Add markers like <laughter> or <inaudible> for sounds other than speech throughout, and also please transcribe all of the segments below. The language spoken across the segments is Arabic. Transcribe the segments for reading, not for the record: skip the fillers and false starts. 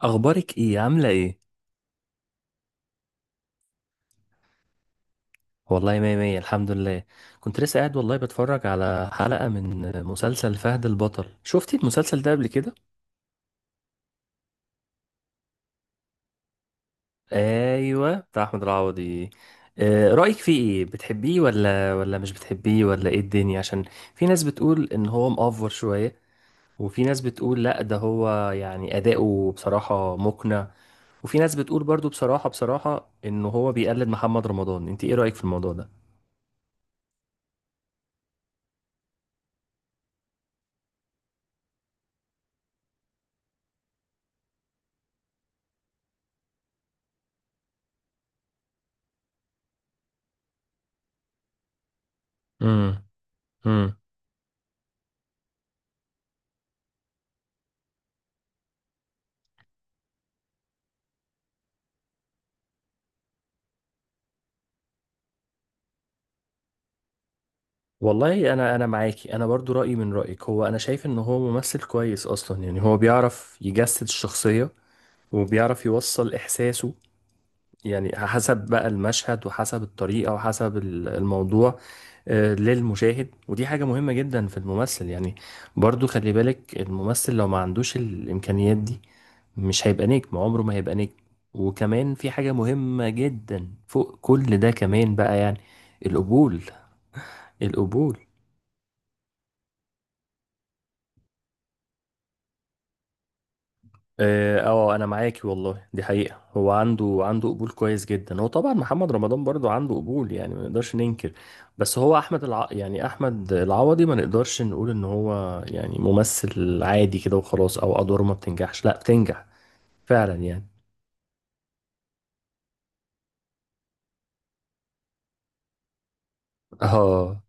اخبارك ايه، عامله ايه؟ والله مية مية، الحمد لله. كنت لسه قاعد والله بتفرج على حلقه من مسلسل فهد البطل. شفتي المسلسل ده قبل كده؟ ايوه، بتاع احمد العوضي. رايك فيه ايه؟ بتحبيه ولا مش بتحبيه، ولا ايه الدنيا؟ عشان في ناس بتقول ان هو مأفور شويه، وفي ناس بتقول لا، ده هو يعني اداؤه بصراحه مقنع، وفي ناس بتقول برضو بصراحه ان هو بيقلد محمد رمضان. انت ايه رايك في الموضوع ده؟ امم. والله انا معاكي، انا برضو رايي من رايك. هو انا شايف ان هو ممثل كويس اصلا، يعني هو بيعرف يجسد الشخصيه وبيعرف يوصل احساسه، يعني حسب بقى المشهد وحسب الطريقه وحسب الموضوع للمشاهد. ودي حاجه مهمه جدا في الممثل يعني. برضو خلي بالك، الممثل لو ما عندوش الامكانيات دي مش هيبقى نجم، عمره ما هيبقى نجم. وكمان في حاجه مهمه جدا فوق كل ده كمان بقى يعني: القبول. القبول. اه، انا معاكي والله، دي حقيقة. هو عنده قبول كويس جدا. هو طبعا محمد رمضان برضو عنده قبول، يعني ما نقدرش ننكر. بس هو يعني احمد العوضي ما نقدرش نقول ان هو يعني ممثل عادي كده وخلاص، او ادواره ما بتنجحش، لا بتنجح فعلا يعني. اه،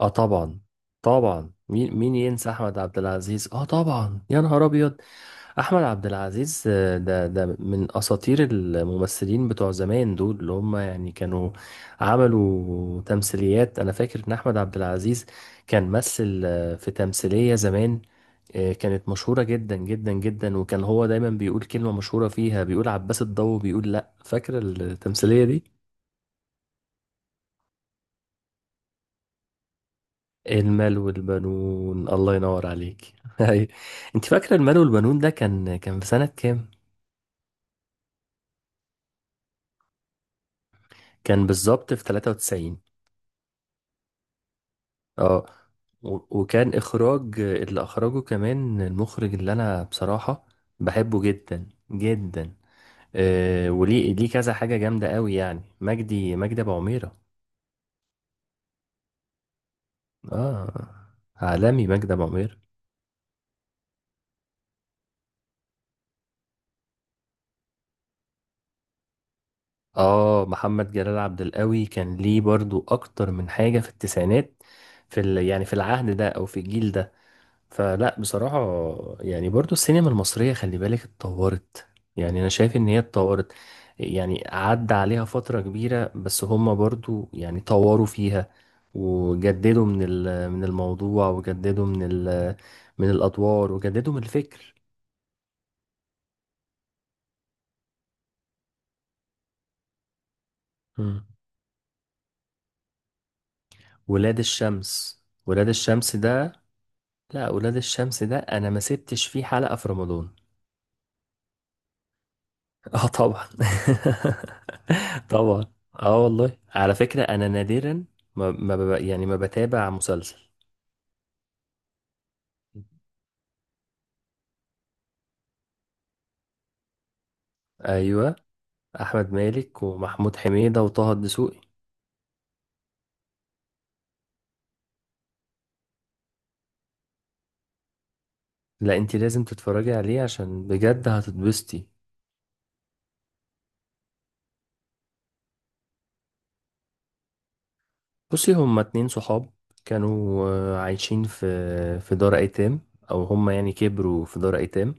اه، طبعا طبعا، مين ينسى احمد عبد العزيز؟ اه طبعا، يا نهار ابيض. احمد عبد العزيز، ده من اساطير الممثلين بتوع زمان، دول اللي هم يعني كانوا عملوا تمثيليات. انا فاكر ان احمد عبد العزيز كان مثل في تمثيلية زمان كانت مشهورة جدا جدا جدا، وكان هو دايما بيقول كلمة مشهورة فيها، بيقول عباس الضو بيقول لا. فاكر التمثيلية دي؟ المال والبنون، الله ينور عليك. <laughs> أيوة. انت فاكره المال والبنون ده، كان في سنه كام؟ كان بالظبط في 93. اه. وكان اخراج اللي اخرجه كمان المخرج اللي انا بصراحه بحبه جدا جدا، وليه كذا حاجه جامده قوي، يعني مجدي ابو عميره. اه، عالمي مجدي ابو عميره. اه، محمد جلال عبد القوي كان ليه برضو اكتر من حاجة في التسعينات، يعني في العهد ده او في الجيل ده. فلا بصراحة، يعني برضو السينما المصرية خلي بالك اتطورت، يعني انا شايف ان هي اتطورت. يعني عدى عليها فترة كبيرة، بس هما برضو يعني طوروا فيها وجددوا من من الموضوع، وجددوا من من الادوار، وجددوا من الفكر. مم. ولاد الشمس. ولاد الشمس ده. لا، ولاد الشمس ده انا ما سبتش فيه حلقة في رمضان. اه طبعا. <laughs> طبعا. اه والله، على فكرة انا نادرا ما يعني ما بتابع مسلسل. ايوه. احمد مالك ومحمود حميدة وطه الدسوقي. لا، انت لازم تتفرجي عليه عشان بجد هتتبسطي. بصي، هما اتنين صحاب كانوا عايشين في دار ايتام، او هما يعني كبروا في دار ايتام.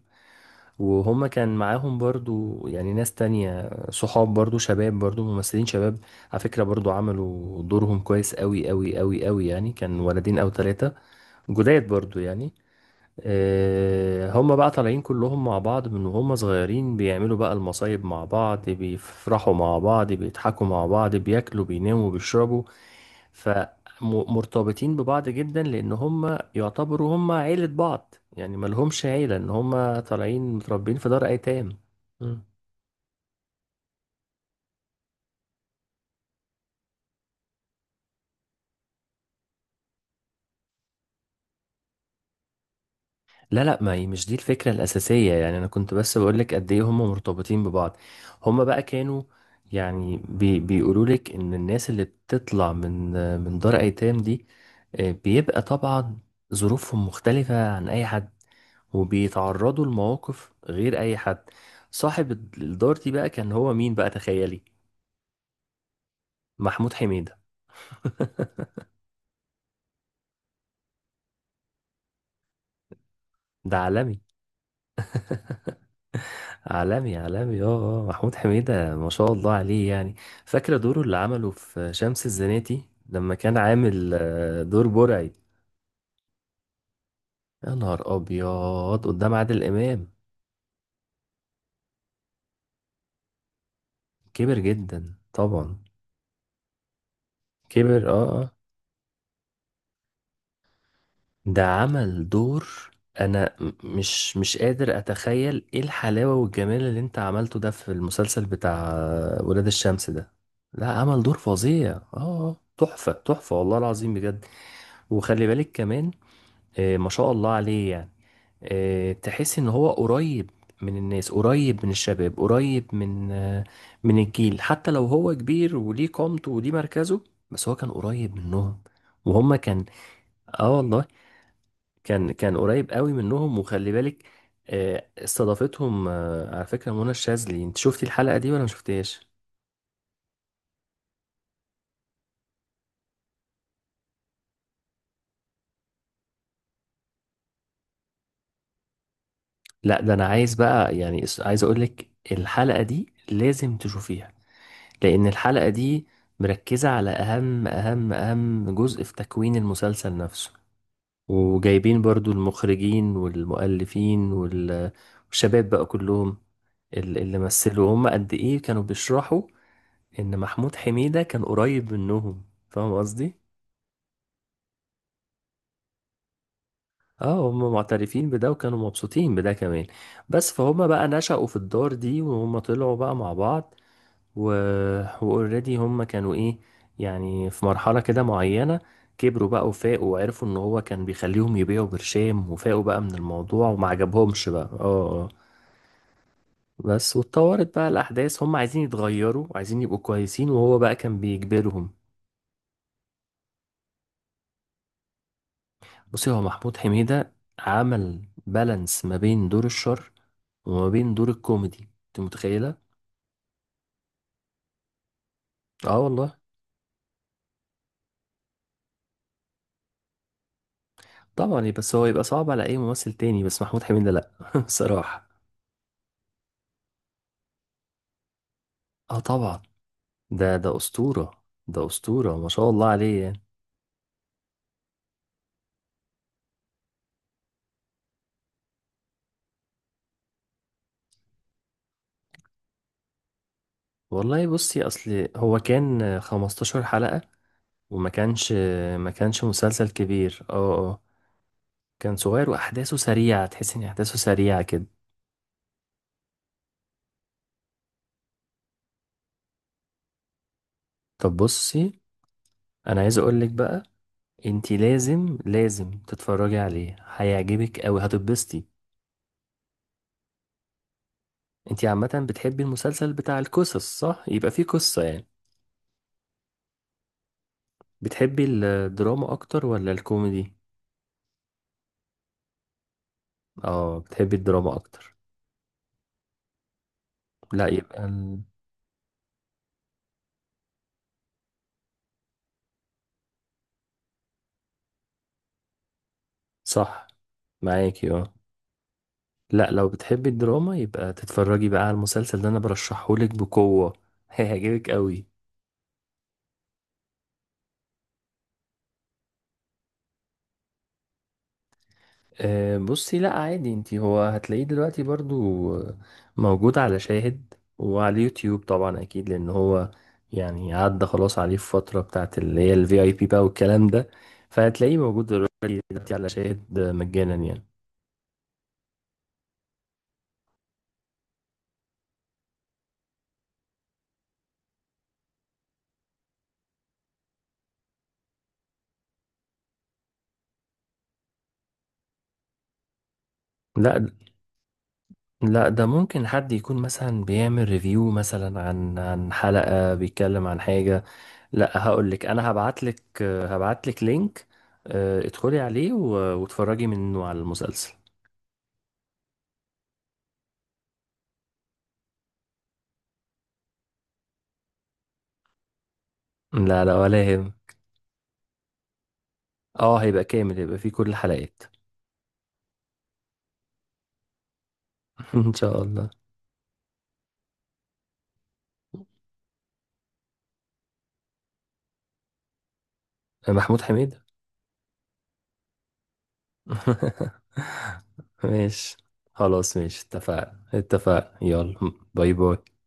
وهم كان معاهم برضو يعني ناس تانية صحاب، برضو شباب، برضو ممثلين شباب، على فكرة، برضو عملوا دورهم كويس قوي قوي قوي قوي، يعني كان ولدين أو ثلاثة جداد برضو يعني. هم بقى طالعين كلهم مع بعض من وهم صغيرين، بيعملوا بقى المصايب مع بعض، بيفرحوا مع بعض، بيضحكوا مع بعض، بياكلوا بيناموا بيشربوا، فمرتبطين ببعض جدا لان هم يعتبروا هم عيلة بعض، يعني ما لهمش عيلة، ان هم طالعين متربين في دار ايتام. مم. لا، لا، ما هي مش دي الفكرة الأساسية، يعني أنا كنت بس بقولك قد إيه هم مرتبطين ببعض. هم بقى كانوا يعني بيقولوا لك إن الناس اللي بتطلع من من دار أيتام دي بيبقى طبعا ظروفهم مختلفة عن أي حد وبيتعرضوا لمواقف غير اي حد. صاحب الدار دي بقى كان هو مين بقى؟ تخيلي! محمود حميدة. <laughs> ده عالمي عالمي عالمي. اه، اه، محمود حميدة ما شاء الله عليه يعني. فاكرة دوره اللي عمله في شمس الزناتي لما كان عامل دور برعي، يا نهار أبيض، قدام عادل إمام؟ كبر جدا طبعا. كبر، اه، اه. ده عمل دور. انا مش قادر اتخيل ايه الحلاوة والجمال اللي انت عملته ده في المسلسل بتاع ولاد الشمس ده. لا، عمل دور فظيع. اه، تحفة تحفة والله العظيم بجد. وخلي بالك كمان، ما شاء الله عليه يعني. تحس ان هو قريب من الناس، قريب من الشباب، قريب من من الجيل، حتى لو هو كبير وليه قامته وليه مركزه، بس هو كان قريب منهم. وهم كان، اه والله كان قريب قوي منهم. وخلي بالك، استضافتهم على فكرة منى الشاذلي. انت شفتي الحلقة دي ولا ما شفتيهاش؟ لا، ده انا عايز بقى يعني عايز اقول لك الحلقة دي لازم تشوفيها، لان الحلقة دي مركزة على اهم اهم اهم جزء في تكوين المسلسل نفسه. وجايبين برضو المخرجين والمؤلفين والشباب بقى كلهم، اللي مثلوا، هم قد ايه كانوا بيشرحوا ان محمود حميدة كان قريب منهم. فاهم قصدي؟ اه، هم معترفين بده وكانوا مبسوطين بده كمان. بس فهم بقى نشأوا في الدار دي وهم طلعوا بقى مع بعض و... واوريدي هم كانوا ايه؟ يعني في مرحلة كده معينة كبروا بقى وفاقوا وعرفوا ان هو كان بيخليهم يبيعوا برشام، وفاقوا بقى من الموضوع وما عجبهمش بقى. اه، اه. بس واتطورت بقى الاحداث، هم عايزين يتغيروا وعايزين يبقوا كويسين وهو بقى كان بيجبرهم. بصي، هو محمود حميدة عمل بالانس ما بين دور الشر وما بين دور الكوميدي. انت متخيلة؟ اه والله. طبعا بس هو يبقى صعب على اي ممثل تاني، بس محمود حميدة لا. <laughs> بصراحة. اه طبعا، ده اسطورة، ده اسطورة ما شاء الله عليه يعني. والله بصي، اصل هو كان 15 حلقة، وما كانش ما كانش مسلسل كبير. اه، اه. كان صغير واحداثه سريعة، تحس ان احداثه سريعة كده. طب بصي، انا عايز اقول لك بقى، انتي لازم لازم تتفرجي عليه، هيعجبك اوي، هتتبسطي. انتي عامة بتحبي المسلسل بتاع القصص، صح؟ يبقى فيه قصة يعني. بتحبي الدراما اكتر ولا الكوميدي؟ اه، بتحبي الدراما اكتر. لا يبقى صح، معاكي، اه. لا، لو بتحبي الدراما يبقى تتفرجي بقى على المسلسل ده، انا برشحهولك بقوة. <laughs> هيعجبك اوي. أه بصي، لا عادي، انتي هو هتلاقيه دلوقتي برضو موجود على شاهد وعلى يوتيوب طبعا، اكيد لان هو يعني عدى خلاص عليه الفترة بتاعت اللي هي الفي اي بي بقى والكلام ده، فهتلاقيه موجود دلوقتي دلوقتي على شاهد مجانا يعني. لا، لا، ده ممكن حد يكون مثلا بيعمل ريفيو مثلا عن حلقة، بيتكلم عن حاجة. لا، هقول لك انا، هبعت لك لينك. ادخلي عليه واتفرجي منه على المسلسل. لا، لا، ولا يهم. اه، هيبقى كامل، هيبقى فيه كل الحلقات. <laughs> ان شاء الله. محمود حميد. <laughs> ماشي. خلاص ماشي، اتفقنا اتفقنا، يلا. باي باي.